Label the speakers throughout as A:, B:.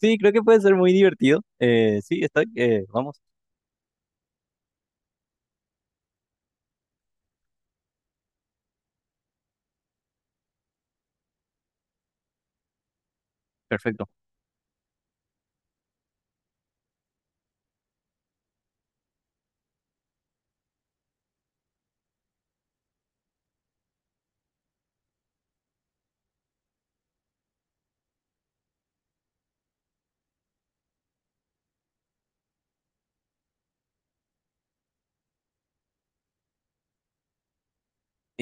A: Sí, creo que puede ser muy divertido. Sí, vamos, perfecto.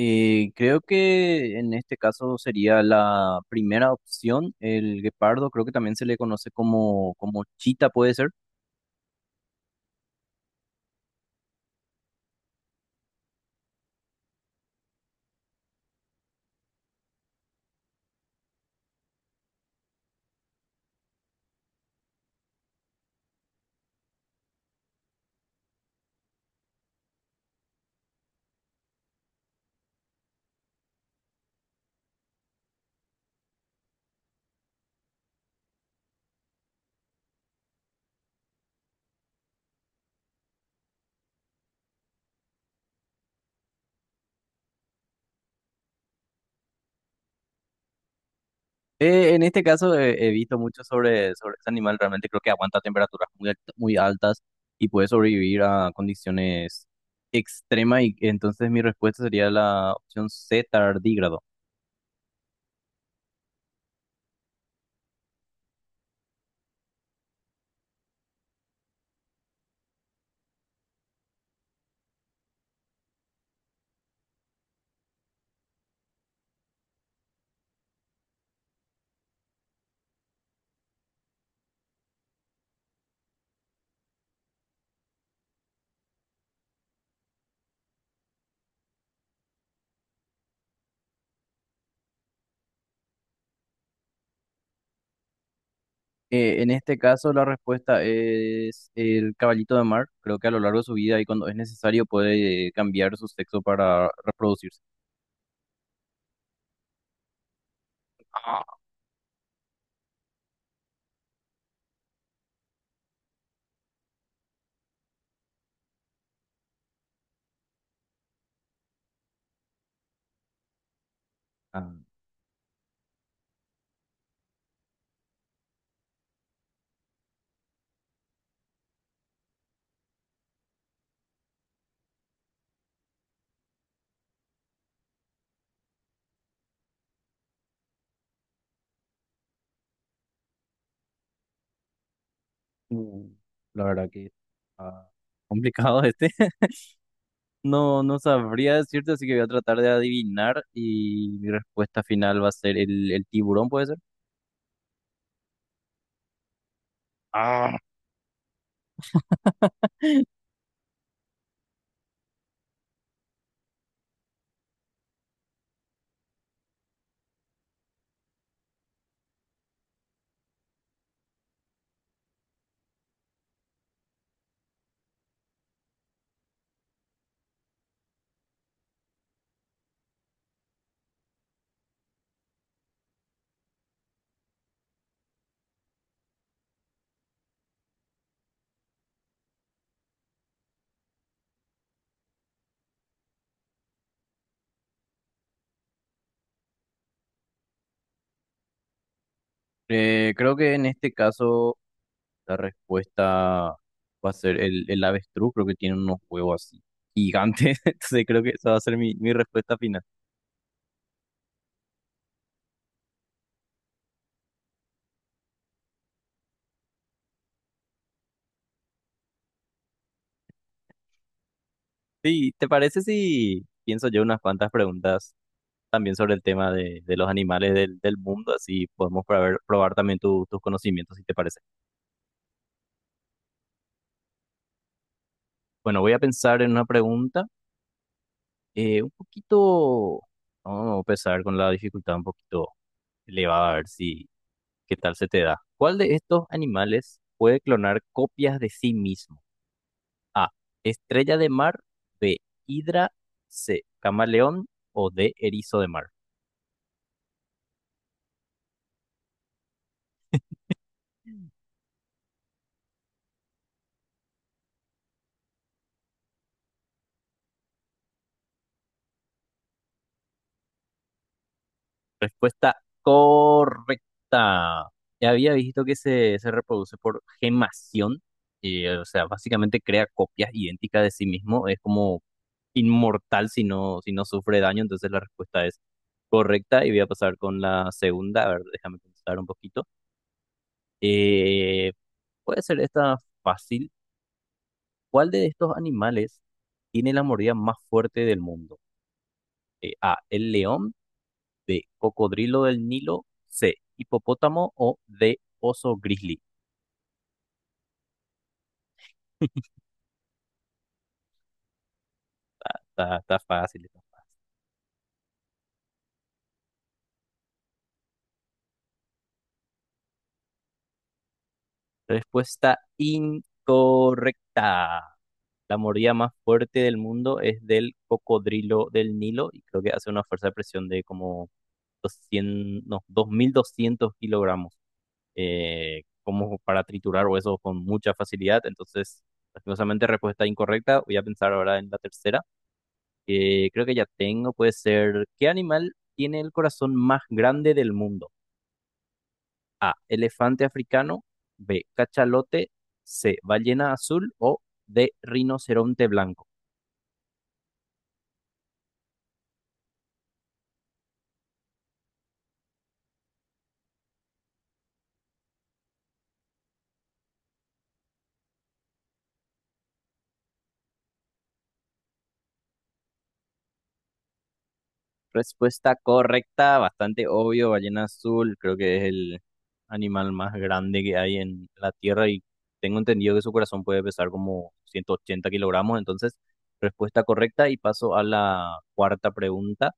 A: Creo que en este caso sería la primera opción, el guepardo, creo que también se le conoce como chita, puede ser. En este caso he visto mucho sobre este animal, realmente creo que aguanta temperaturas muy altas y puede sobrevivir a condiciones extremas, y entonces mi respuesta sería la opción C, tardígrado. En este caso, la respuesta es el caballito de mar. Creo que a lo largo de su vida y cuando es necesario puede cambiar su sexo para reproducirse. Ah. Ah, uh, la verdad que ah, complicado este. No, no sabría decirte, así que voy a tratar de adivinar y mi respuesta final va a ser el tiburón, ¿puede ser? Ah. Creo que en este caso la respuesta va a ser el avestruz, creo que tiene unos huevos así gigantes, entonces creo que esa va a ser mi respuesta final. Sí, ¿te parece si pienso yo unas cuantas preguntas también sobre el tema de los animales del mundo? Así podemos probar también tu- tus conocimientos, si te parece. Bueno, voy a pensar en una pregunta un poquito, vamos a empezar con la dificultad un poquito elevada, a ver si, qué tal se te da. ¿Cuál de estos animales puede clonar copias de sí mismo? A. Estrella de mar. B. Hidra. C. Camaleón. O D. Erizo de mar. Respuesta correcta. Ya había visto que se reproduce por gemación, y o sea, básicamente crea copias idénticas de sí mismo. Es como inmortal si no sufre daño. Entonces la respuesta es correcta. Y voy a pasar con la segunda. A ver, déjame pensar un poquito. Eh, Puede ser esta fácil. ¿Cuál de estos animales tiene la mordida más fuerte del mundo? A, el león, B, cocodrilo del Nilo, C, hipopótamo o D, oso grizzly. Está, está fácil. Está fácil. Respuesta incorrecta. La mordida más fuerte del mundo es del cocodrilo del Nilo y creo que hace una fuerza de presión de como 200, no, 2.200 kilogramos, como para triturar huesos con mucha facilidad. Entonces, lastimosamente, respuesta incorrecta. Voy a pensar ahora en la tercera, que creo que ya tengo. Puede ser, ¿qué animal tiene el corazón más grande del mundo? A, elefante africano, B, cachalote, C, ballena azul o D, rinoceronte blanco. Respuesta correcta, bastante obvio, ballena azul, creo que es el animal más grande que hay en la Tierra y tengo entendido que su corazón puede pesar como 180 kilogramos, entonces respuesta correcta y paso a la cuarta pregunta.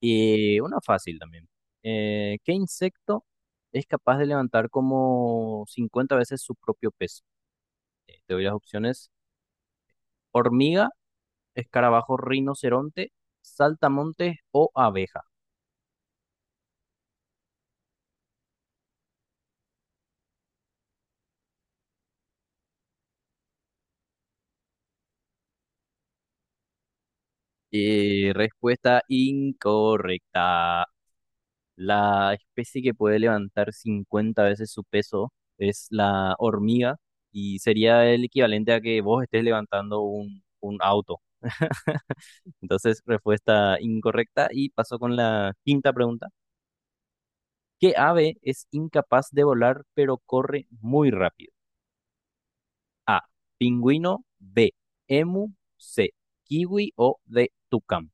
A: Y una fácil también. ¿Qué insecto es capaz de levantar como 50 veces su propio peso? Te doy las opciones: hormiga, escarabajo, rinoceronte, saltamontes o abeja. Respuesta incorrecta. La especie que puede levantar 50 veces su peso es la hormiga y sería el equivalente a que vos estés levantando un auto. Entonces, respuesta incorrecta y paso con la quinta pregunta. ¿Qué ave es incapaz de volar pero corre muy rápido? A. Pingüino. B. Emu. C. Kiwi o D. Tucán.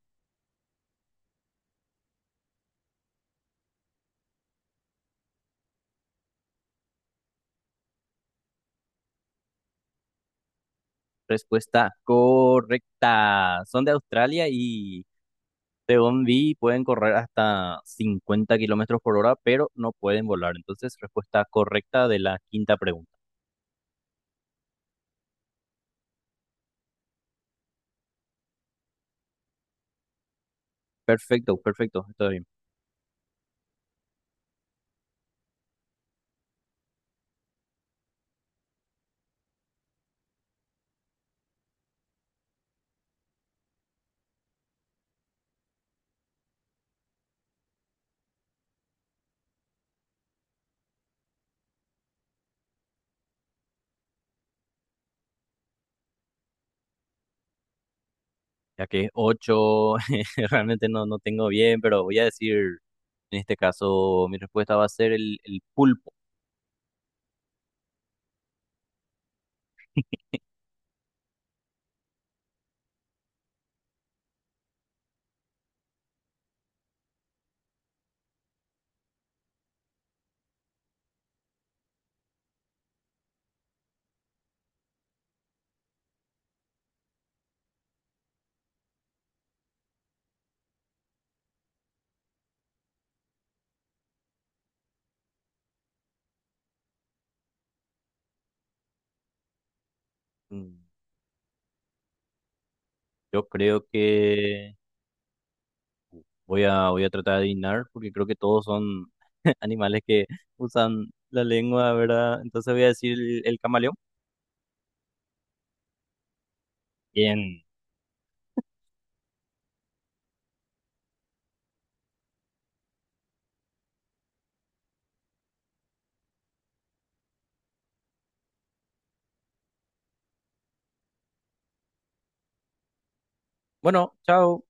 A: Respuesta correcta. Son de Australia y según vi pueden correr hasta 50 kilómetros por hora, pero no pueden volar. Entonces, respuesta correcta de la quinta pregunta. Perfecto, perfecto, está bien. Ya que es 8, realmente no, no tengo bien, pero voy a decir, en este caso, mi respuesta va a ser el pulpo. Mm, yo creo que voy a, voy a tratar de adivinar porque creo que todos son animales que usan la lengua, ¿verdad? Entonces voy a decir el camaleón. Bien. Bueno, chao.